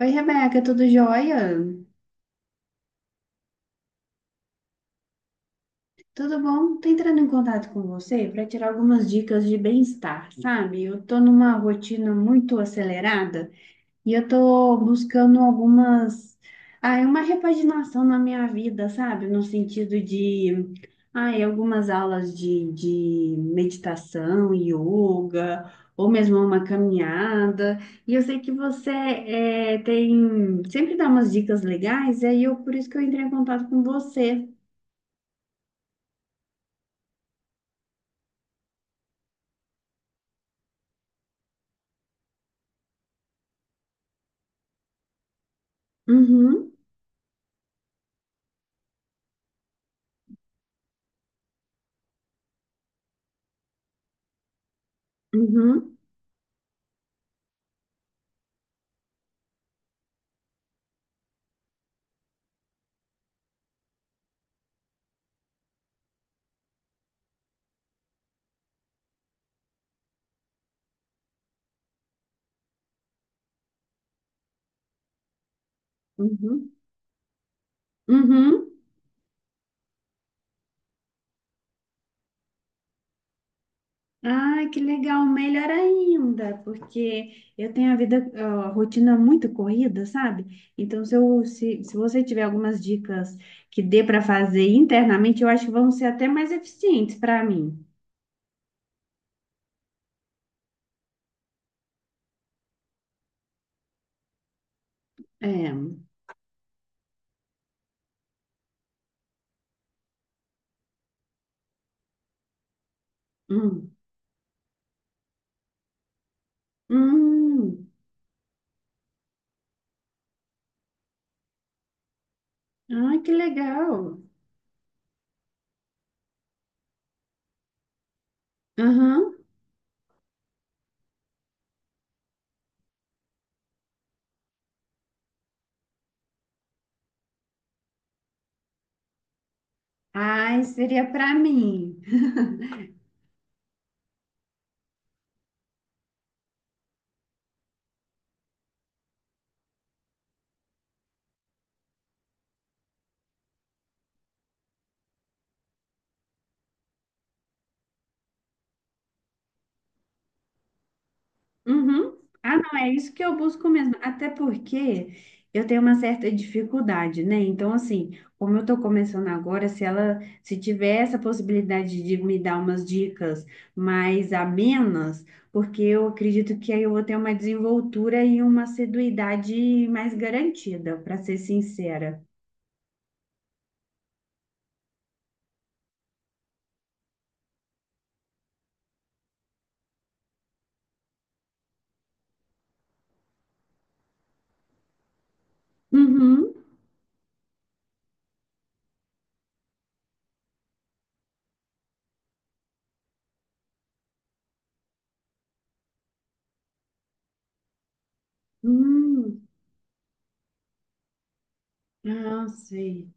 Oi, Rebeca, tudo jóia? Tudo bom? Tô entrando em contato com você para tirar algumas dicas de bem-estar, sabe? Eu tô numa rotina muito acelerada. E eu tô buscando uma repaginação na minha vida, sabe? No sentido de, algumas aulas de meditação, yoga, ou mesmo uma caminhada. E eu sei que você tem, sempre dá umas dicas legais, e aí por isso que eu entrei em contato com você. Uhum, uhum, uhum, uhum. Ai, que legal, melhor ainda, porque eu tenho a vida, a rotina muito corrida, sabe? Então, se, eu, se você tiver algumas dicas que dê para fazer internamente, eu acho que vão ser até mais eficientes para mim. É. Hum. Hum. Ai, que legal. Aham. Ai, seria para mim. Uhum. Ah, não, é isso que eu busco mesmo. Até porque eu tenho uma certa dificuldade, né? Então, assim, como eu tô começando agora, se tiver essa possibilidade de me dar umas dicas mais amenas, porque eu acredito que aí eu vou ter uma desenvoltura e uma assiduidade mais garantida, para ser sincera. Uhum. Hum. Ah, sei.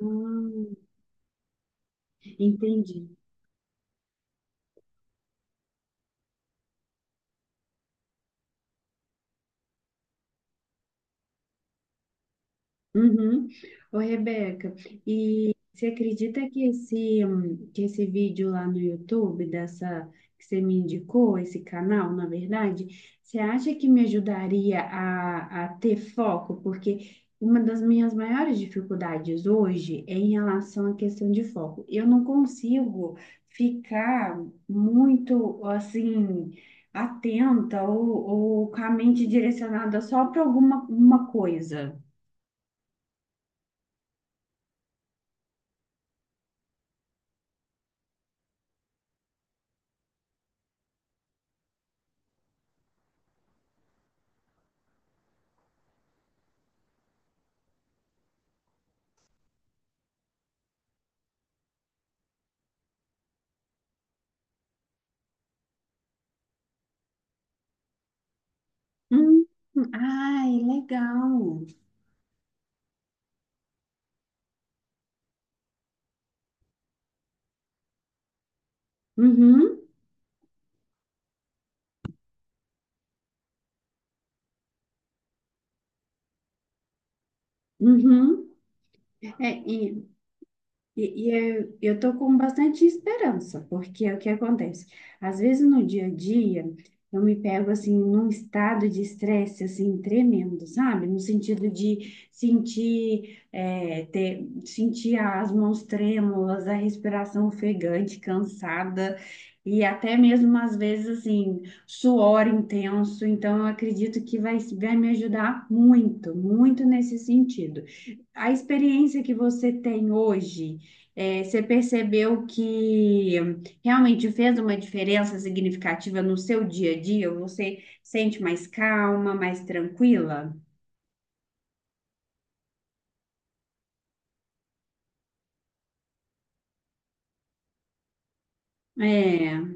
Hum, entendi. Uhum. Ô, Rebeca, e você acredita que que esse vídeo lá no YouTube, dessa que você me indicou, esse canal, na verdade, você acha que me ajudaria a ter foco? Porque uma das minhas maiores dificuldades hoje é em relação à questão de foco. Eu não consigo ficar muito, assim, atenta ou com a mente direcionada só para alguma uma coisa. Hum, ai, legal. Uhum, uhum. É, e e eu tô com bastante esperança, porque é o que acontece? Às vezes no dia a dia, eu me pego assim num estado de estresse assim tremendo, sabe? No sentido de sentir as mãos trêmulas, a respiração ofegante, cansada, e até mesmo às vezes assim, suor intenso. Então, eu acredito que vai me ajudar muito, muito nesse sentido. A experiência que você tem hoje. É, você percebeu que realmente fez uma diferença significativa no seu dia a dia? Você sente mais calma, mais tranquila? É.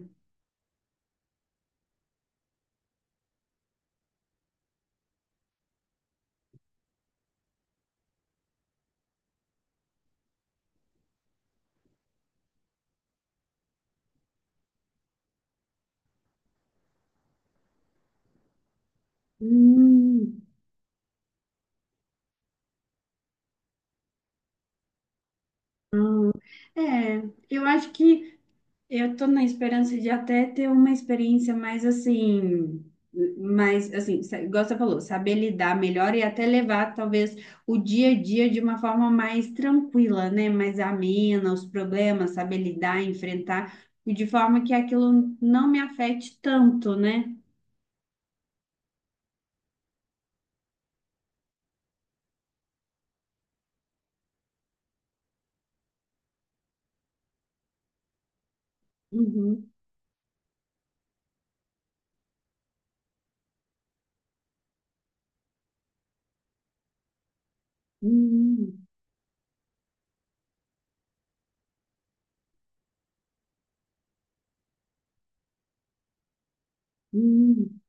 Hum, é, eu acho que Eu estou na esperança de até ter uma experiência mais assim, igual você falou, saber lidar melhor e até levar talvez o dia a dia de uma forma mais tranquila, né? Mais amena, os problemas, saber lidar, enfrentar, e de forma que aquilo não me afete tanto, né? Uhum. Hum, hum.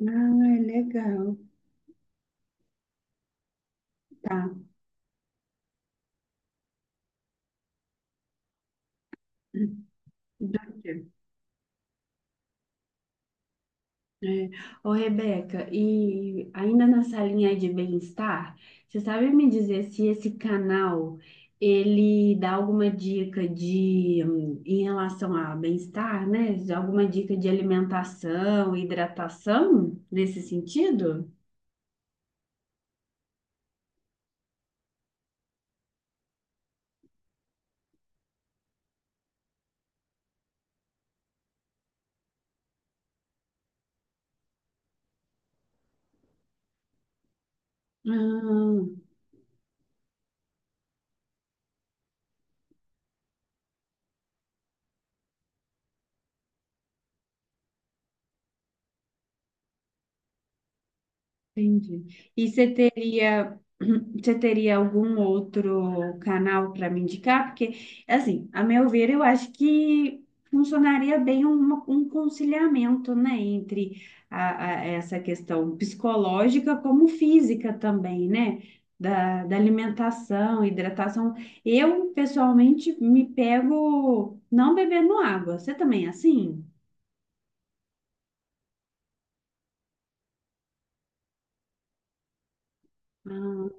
Ah, legal. Tá. É. Ô, Rebeca, e ainda nessa linha aí de bem-estar, você sabe me dizer se esse canal ele dá alguma dica de em relação a bem-estar, né? De alguma dica de alimentação, hidratação nesse sentido? Entendi. E você teria, você teria algum outro canal para me indicar? Porque, assim, a meu ver, eu acho que funcionaria bem um conciliamento, né, entre essa questão psicológica como física também, né? Da alimentação, hidratação. Eu, pessoalmente, me pego não bebendo água. Você também é assim? Ah,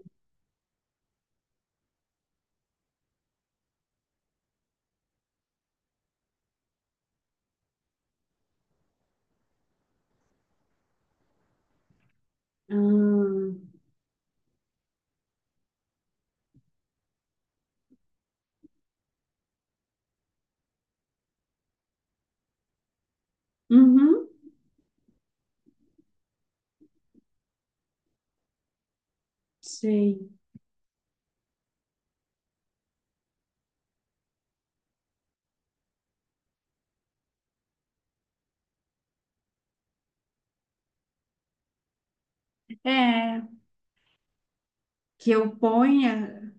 ah, uhum, sei. É. que eu ponha,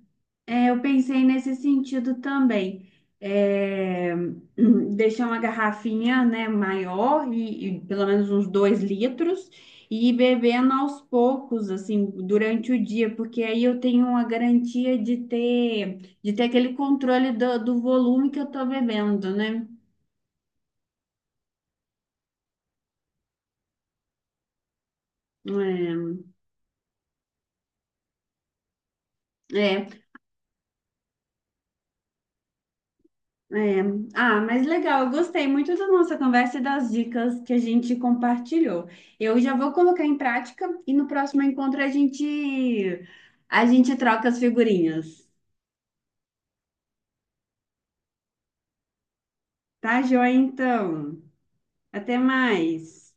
eu pensei nesse sentido também. É, deixar uma garrafinha, né, maior e pelo menos uns 2 litros e ir bebendo aos poucos, assim, durante o dia, porque aí eu tenho uma garantia de ter, aquele controle do volume que eu tô bebendo, né? É. É, É. Ah, mas legal, eu gostei muito da nossa conversa e das dicas que a gente compartilhou. Eu já vou colocar em prática e no próximo encontro a gente troca as figurinhas. Tá, joia? Então, até mais.